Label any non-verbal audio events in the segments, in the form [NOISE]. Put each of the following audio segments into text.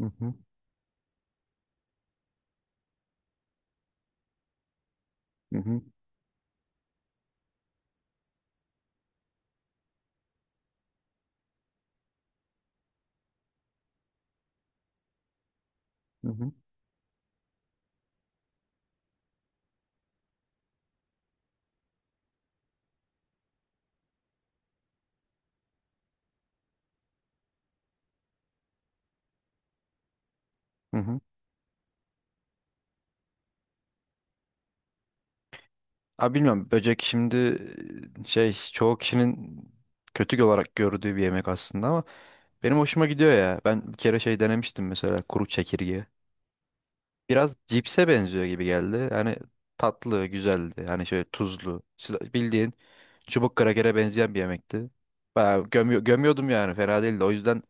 Hı hı. Hı hı. Hı hı. Hı hı. Abi bilmiyorum böcek şimdi şey çoğu kişinin kötü olarak gördüğü bir yemek aslında ama benim hoşuma gidiyor ya. Ben bir kere şey denemiştim mesela kuru çekirge. Biraz cipse benziyor gibi geldi. Yani tatlı, güzeldi. Yani şöyle tuzlu. Bildiğin çubuk krakere benzeyen bir yemekti. Bayağı gömüyordum yani fena değildi. O yüzden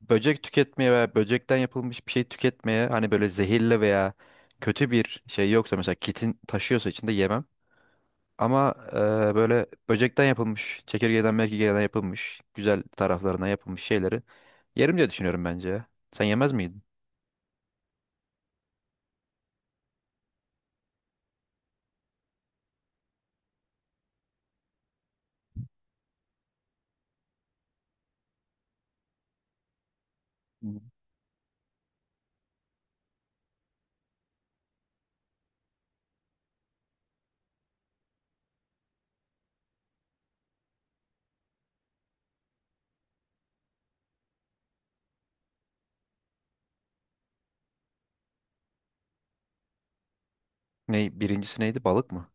böcek tüketmeye veya böcekten yapılmış bir şey tüketmeye hani böyle zehirli veya kötü bir şey yoksa mesela kitin taşıyorsa içinde yemem. Ama böyle böcekten yapılmış, çekirgeden merkirgeden yapılmış, güzel taraflarına yapılmış şeyleri yerim diye düşünüyorum bence ya. Sen yemez miydin? Hı. Ne, birincisi neydi? Balık mı?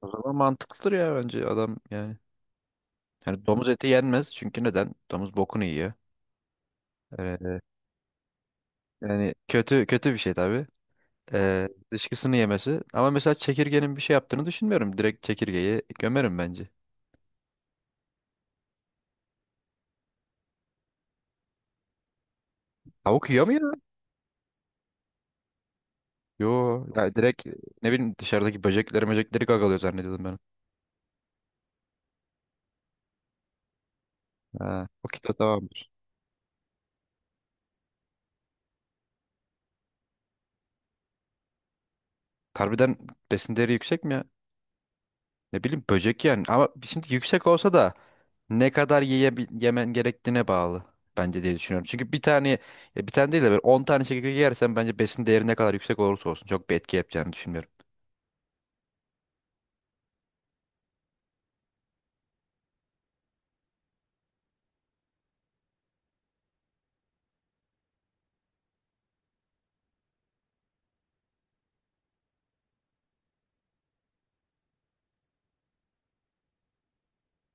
O zaman mantıklıdır ya bence adam yani. Yani domuz eti yenmez çünkü neden? Domuz bokunu yiyor. Ee, yani kötü kötü bir şey tabii. Dışkısını yemesi. Ama mesela çekirgenin bir şey yaptığını düşünmüyorum. Direkt çekirgeyi gömerim bence. Tavuk yiyor mu ya? Yo. Ya direkt ne bileyim dışarıdaki böcekleri möcekleri gagalıyor zannediyordum ben. Ha, o kitle tamamdır. Harbiden besin değeri yüksek mi ya? Ne bileyim böcek yani. Ama şimdi yüksek olsa da ne kadar yemen gerektiğine bağlı bence diye düşünüyorum. Çünkü bir tane ya bir tane değil de böyle 10 tane çekirge yersen bence besin değeri ne kadar yüksek olursa olsun çok bir etki yapacağını düşünmüyorum.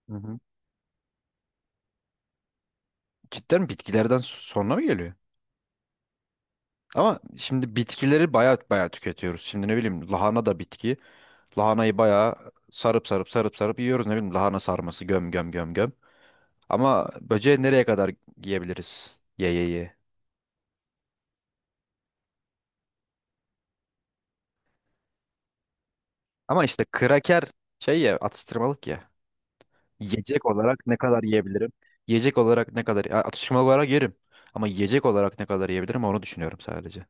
Hı hı. Cidden bitkilerden sonra mı geliyor? Ama şimdi bitkileri baya baya tüketiyoruz. Şimdi ne bileyim lahana da bitki. Lahanayı baya sarıp sarıp sarıp sarıp yiyoruz. Ne bileyim lahana sarması göm göm göm göm. Ama böceği nereye kadar yiyebiliriz? Ye ye ye. Ama işte kraker şey ya atıştırmalık ya. Yiyecek olarak ne kadar yiyebilirim? Yiyecek olarak ne kadar ya atıştırmalık olarak yerim. Ama yiyecek olarak ne kadar yiyebilirim onu düşünüyorum sadece.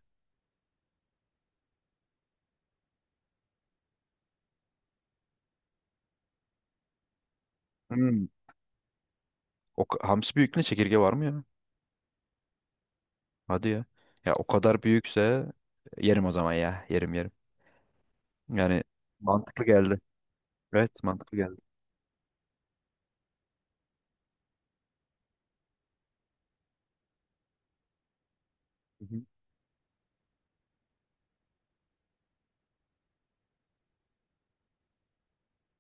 Hmm. Hamsi büyüklüğünde çekirge var mı ya? Hadi ya. Ya o kadar büyükse yerim o zaman ya. Yerim yerim. Yani mantıklı geldi. Evet mantıklı geldi. Hı hı.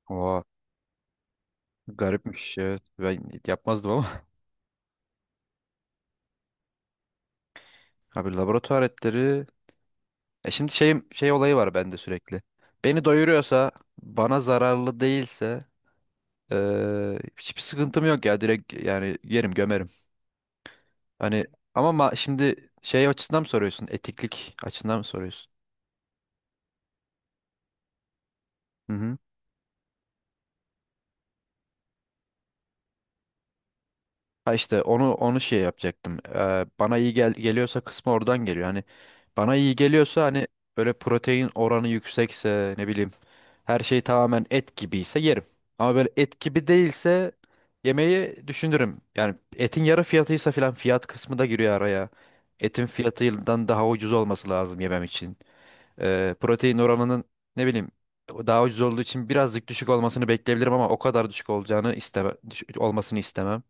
Oha, garipmiş evet. Ben yapmazdım ama. [LAUGHS] Abi laboratuvar etleri. Şimdi şey olayı var bende sürekli. Beni doyuruyorsa, bana zararlı değilse hiçbir sıkıntım yok ya direkt yani yerim gömerim. Hani ama şimdi şey açısından mı soruyorsun? Etiklik açısından mı soruyorsun? Hı hı. Ha işte onu şey yapacaktım. Bana iyi geliyorsa kısmı oradan geliyor. Hani bana iyi geliyorsa hani böyle protein oranı yüksekse ne bileyim her şey tamamen et gibiyse yerim. Ama böyle et gibi değilse yemeği düşünürüm. Yani etin yarı fiyatıysa filan fiyat kısmı da giriyor araya. Etin fiyatından daha ucuz olması lazım yemem için. Protein oranının ne bileyim daha ucuz olduğu için birazcık düşük olmasını bekleyebilirim ama o kadar düşük olacağını olmasını istemem.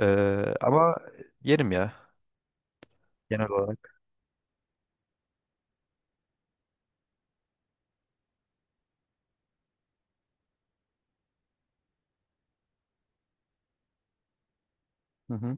Ama yerim ya genel olarak. Hı hı.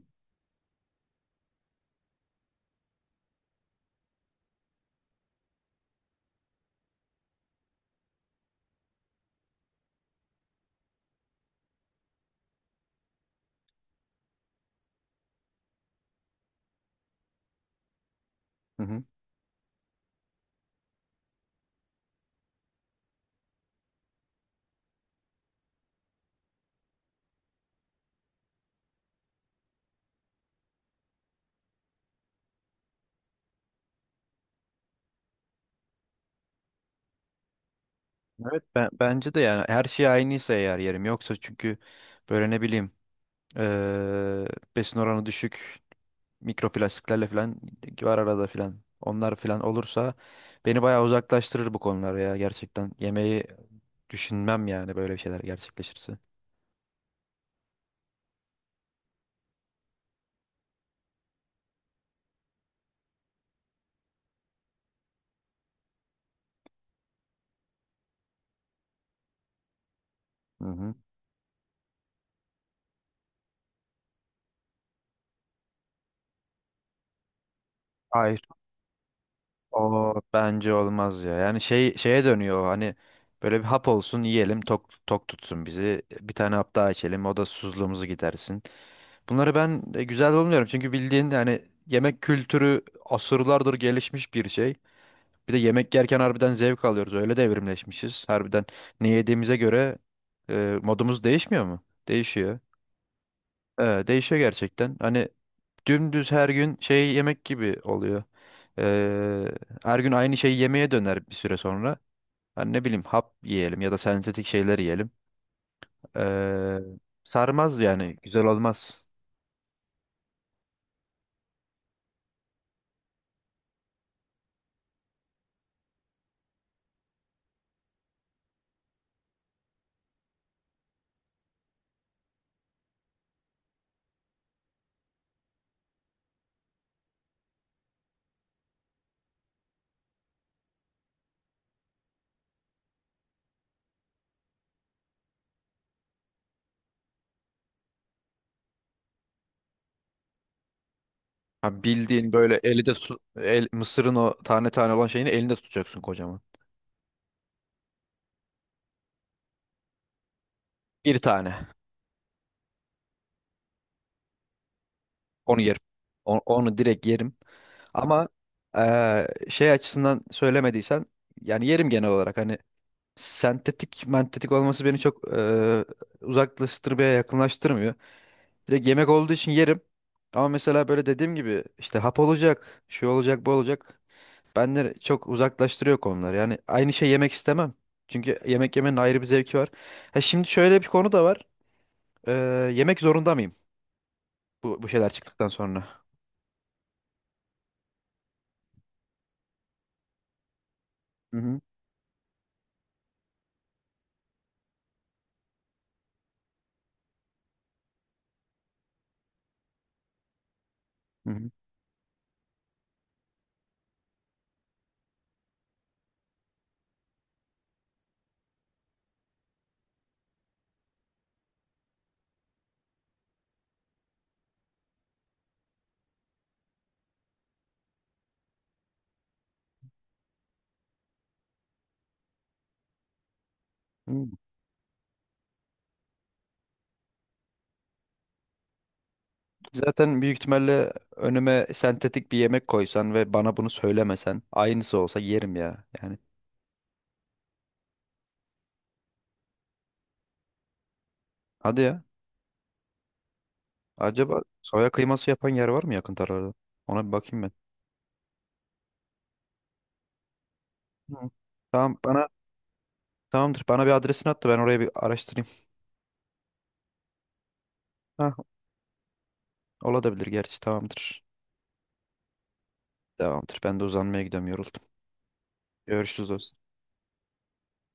Hı hı. Evet bence de yani her şey aynıysa eğer yerim. Yoksa çünkü böyle ne bileyim ee, besin oranı düşük mikroplastiklerle falan var arada falan. Onlar falan olursa beni bayağı uzaklaştırır bu konular ya gerçekten. Yemeği düşünmem yani böyle şeyler gerçekleşirse. Hı hı. O bence olmaz ya. Yani şey şeye dönüyor o, hani böyle bir hap olsun yiyelim tok tok tutsun bizi. Bir tane hap daha içelim o da susuzluğumuzu gidersin. Bunları ben güzel bulmuyorum çünkü bildiğin yani yemek kültürü asırlardır gelişmiş bir şey. Bir de yemek yerken harbiden zevk alıyoruz. Öyle de evrimleşmişiz. Harbiden ne yediğimize göre modumuz değişmiyor mu? Değişiyor. Değişiyor gerçekten. Hani dümdüz her gün şey yemek gibi oluyor. Ee, her gün aynı şeyi yemeye döner bir süre sonra. Hani ne bileyim hap yiyelim ya da sentetik şeyler yiyelim. Ee, sarmaz yani güzel olmaz. Ha, bildiğin böyle elinde tut, mısırın o tane tane olan şeyini elinde tutacaksın kocaman. Bir tane. Onu yerim. Onu, direkt yerim. Ama şey açısından söylemediysen yani yerim genel olarak. Hani sentetik mentetik olması beni çok uzaklaştırmaya yakınlaştırmıyor. Direkt yemek olduğu için yerim. Ama mesela böyle dediğim gibi işte hap olacak, şey olacak, bu olacak. Benden çok uzaklaştırıyor konular. Yani aynı şey yemek istemem. Çünkü yemek yemenin ayrı bir zevki var. Ha şimdi şöyle bir konu da var. Ee, yemek zorunda mıyım bu şeyler çıktıktan sonra? Hı hı. Hı hı. Hı. Zaten büyük ihtimalle önüme sentetik bir yemek koysan ve bana bunu söylemesen aynısı olsa yerim ya. Yani hadi ya. Acaba soya kıyması yapan yer var mı yakın tarlarda? Ona bir bakayım ben. Hı. Tamam bana tamamdır. Bana bir adresini at da ben oraya bir araştırayım. Ha, olabilir gerçi tamamdır. Tamamdır. Ben de uzanmaya gidiyorum yoruldum. Görüşürüz dostum.